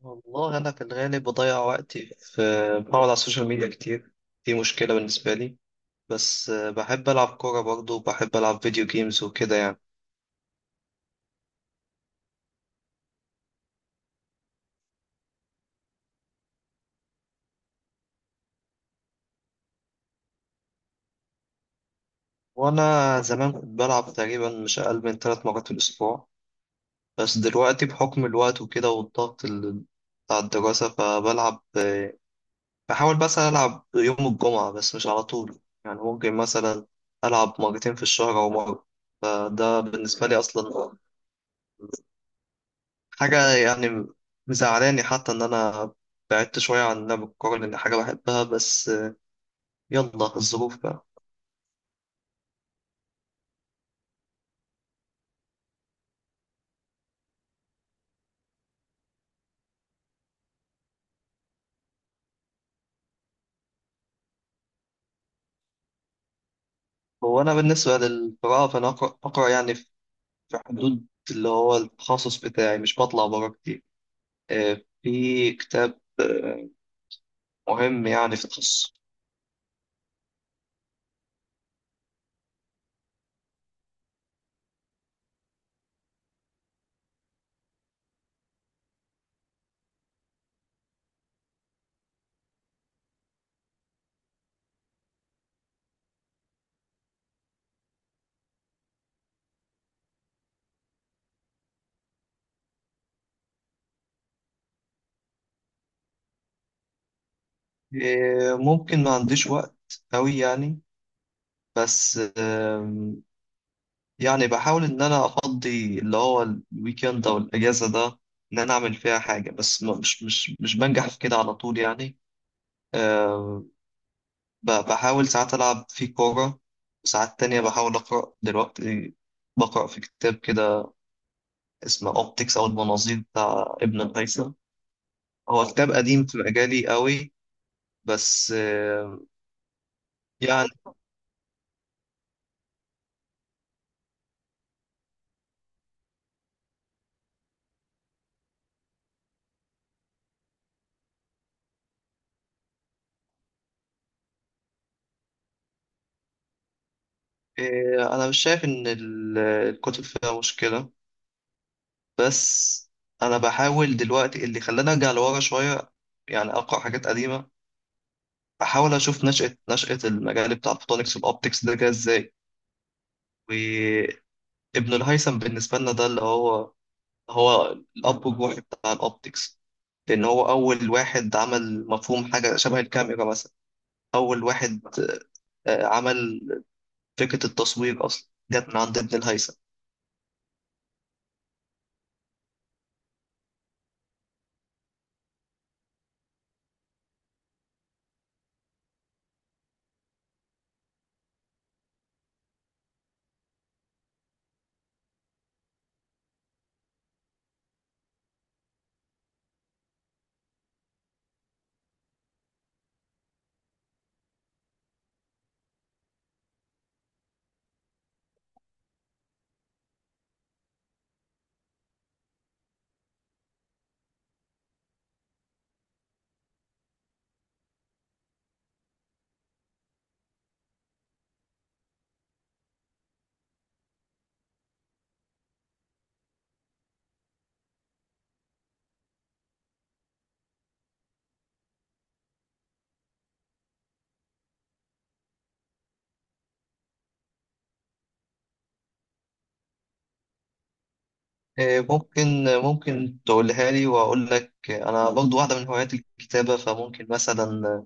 والله أنا في الغالب بضيع وقتي بقعد على السوشيال ميديا كتير. دي مشكلة بالنسبة لي. بس بحب ألعب كورة برضه وبحب ألعب فيديو جيمز وكده يعني. وأنا زمان كنت بلعب تقريبا مش أقل من 3 مرات في الأسبوع. بس دلوقتي بحكم الوقت وكده والضغط بتاع الدراسة، فبلعب بحاول بس ألعب يوم الجمعة، بس مش على طول يعني، ممكن مثلا ألعب مرتين في الشهر أو مرة. فده بالنسبة لي أصلا حاجة يعني مزعلاني حتى إن أنا بعدت شوية عن لعب الكورة لأن حاجة بحبها، بس يلا الظروف بقى. هو أنا بالنسبة للقراءة فأنا أقرأ يعني في حدود اللي هو التخصص بتاعي، مش بطلع بره كتير. في كتاب مهم يعني في تخصصي. ممكن ما عنديش وقت أوي يعني، بس يعني بحاول إن أنا أفضي اللي هو الويكند أو الأجازة ده إن أنا أعمل فيها حاجة، بس مش بنجح في كده على طول يعني. أه بحاول ساعات ألعب في كورة، وساعات تانية بحاول أقرأ. دلوقتي بقرأ في كتاب كده اسمه أوبتكس أو المناظير بتاع ابن الهيثم. هو كتاب قديم في مجالي قوي. بس أه يعني أه أنا مش شايف إن الكتب فيها مشكلة، بس انا بحاول دلوقتي. اللي خلاني ارجع لورا شويه يعني اقرا حاجات قديمه، احاول اشوف نشأة المجال بتاع الفوتونكس والاوبتكس ده جه ازاي. وابن الهيثم بالنسبه لنا ده اللي هو الاب الروحي بتاع الاوبتكس، لان هو اول واحد عمل مفهوم حاجه شبه الكاميرا مثلا. اول واحد عمل فكره التصوير، اصلا جت من عند ابن الهيثم. ممكن تقولها لي واقول لك. انا برضو واحده من هوايات الكتابه فممكن مثلا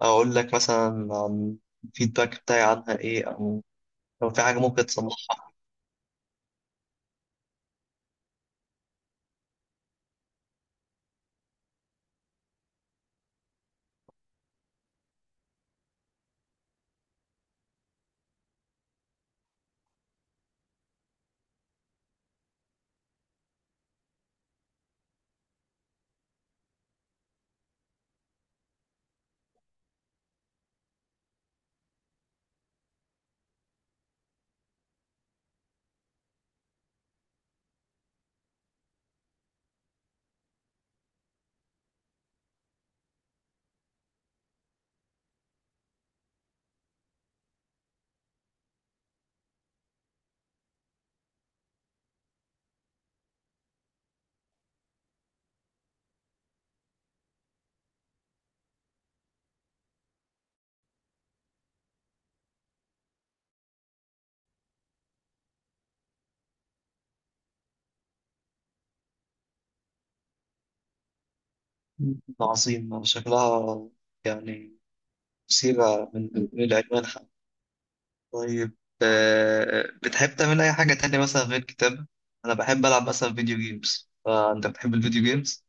أقول لك مثلا عن الفيدباك بتاعي عنها إيه، أو لو في حاجة ممكن تصلحها. عظيم، أنا شكلها يعني مثيرة من العنوان حتى. طيب، بتحب تعمل أي حاجة تانية مثلا غير كتابة؟ أنا بحب ألعب مثلا فيديو جيمز، فأنت بتحب الفيديو جيمز؟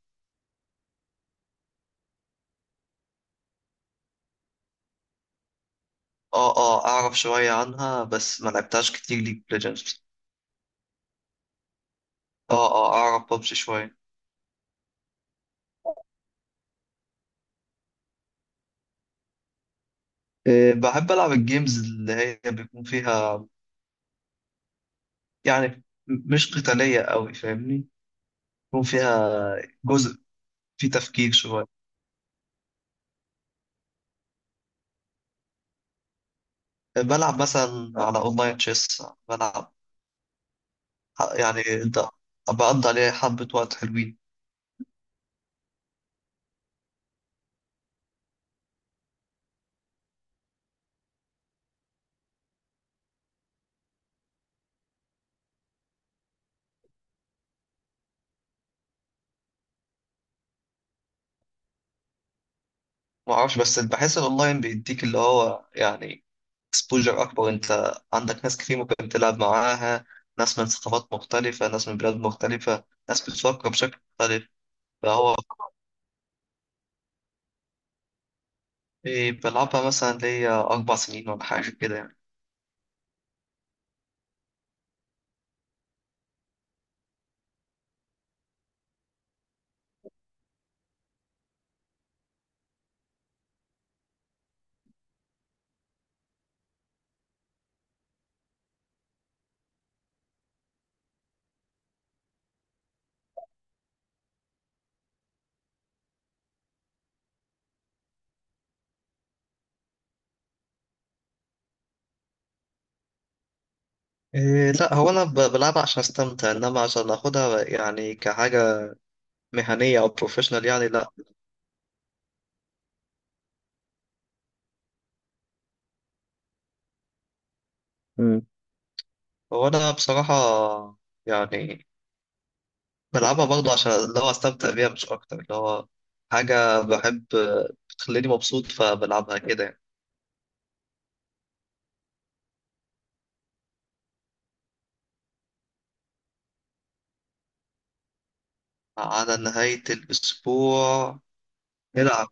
آه آه، أعرف شوية عنها بس ما لعبتهاش كتير، ليج ليجندز. آه آه، أعرف ببجي شوية. بحب ألعب الجيمز اللي هي بيكون فيها يعني مش قتالية أوي، فاهمني؟ يكون فيها جزء فيه تفكير شوية. بلعب مثلا على أونلاين تشيس. بلعب يعني بقضي عليه حبة وقت حلوين. معرفش، بس بحس الأونلاين بيديك اللي هو يعني اكسبوجر أكبر. أنت عندك ناس كتير ممكن تلعب معاها، ناس من ثقافات مختلفة، ناس من بلاد مختلفة، ناس بتفكر بشكل مختلف، فهو. إيه، بلعبها مثلا ليا 4 سنين ولا حاجة كده يعني. إيه لا، هو أنا بلعبها عشان أستمتع، إنما عشان أخدها يعني كحاجة مهنية أو بروفيشنال يعني، لأ. مم. هو أنا بصراحة يعني بلعبها برضه عشان اللي هو أستمتع بيها مش أكتر، اللي هو حاجة بحب بتخليني مبسوط فبلعبها كده يعني. على نهاية الأسبوع نلعب.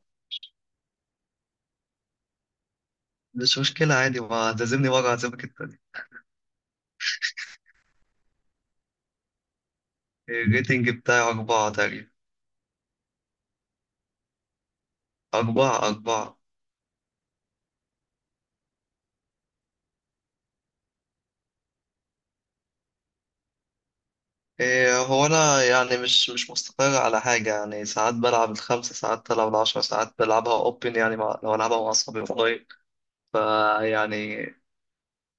مش مشكلة عادي، ما تعزمني مرة هعزمك التانية. الريتنج بتاعي 4 تقريبا. 4 4. إيه، هو أنا يعني مش مستقر على حاجة يعني، ساعات بلعب الخمسة، ساعات بلعب العشرة، ساعات بلعبها أوبن يعني، مع لو ألعبها مع أصحابي، فيعني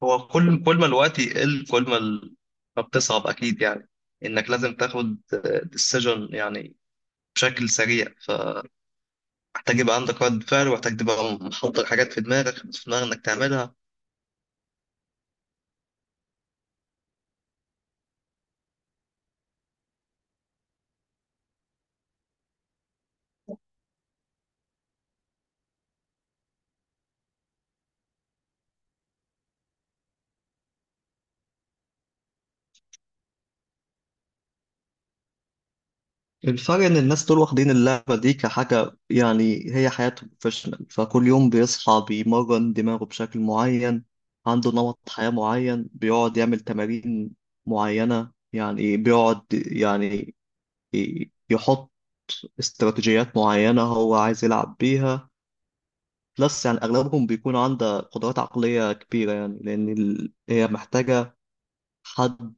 هو كل ما الوقت يقل كل ما ما بتصعب أكيد يعني. إنك لازم تاخد ديسيجن يعني بشكل سريع، فمحتاج يبقى عندك رد فعل، ومحتاج تبقى محضر حاجات في دماغك إنك تعملها. الفرق إن الناس دول واخدين اللعبة دي كحاجة يعني هي حياته، بروفيشنال. فكل يوم بيصحى بيمرن دماغه بشكل معين، عنده نمط حياة معين، بيقعد يعمل تمارين معينة يعني، بيقعد يعني يحط استراتيجيات معينة هو عايز يلعب بيها. بلس يعني أغلبهم بيكون عنده قدرات عقلية كبيرة يعني، لأن هي محتاجة حد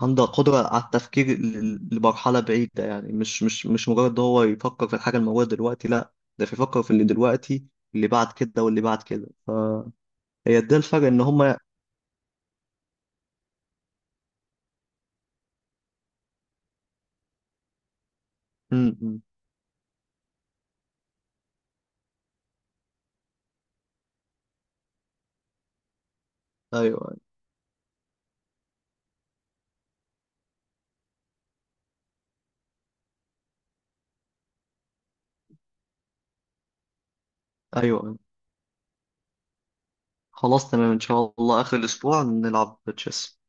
عنده قدرة على التفكير لمرحلة بعيدة يعني، مش مش مجرد هو يفكر في الحاجة الموجودة دلوقتي، لا ده بيفكر في اللي دلوقتي اللي بعد كده واللي بعد كده، فهي ده الفرق إن هما. م- م. أيوه أيوه أيوه. خلاص تمام، إن شاء الله آخر الأسبوع نلعب تشيس.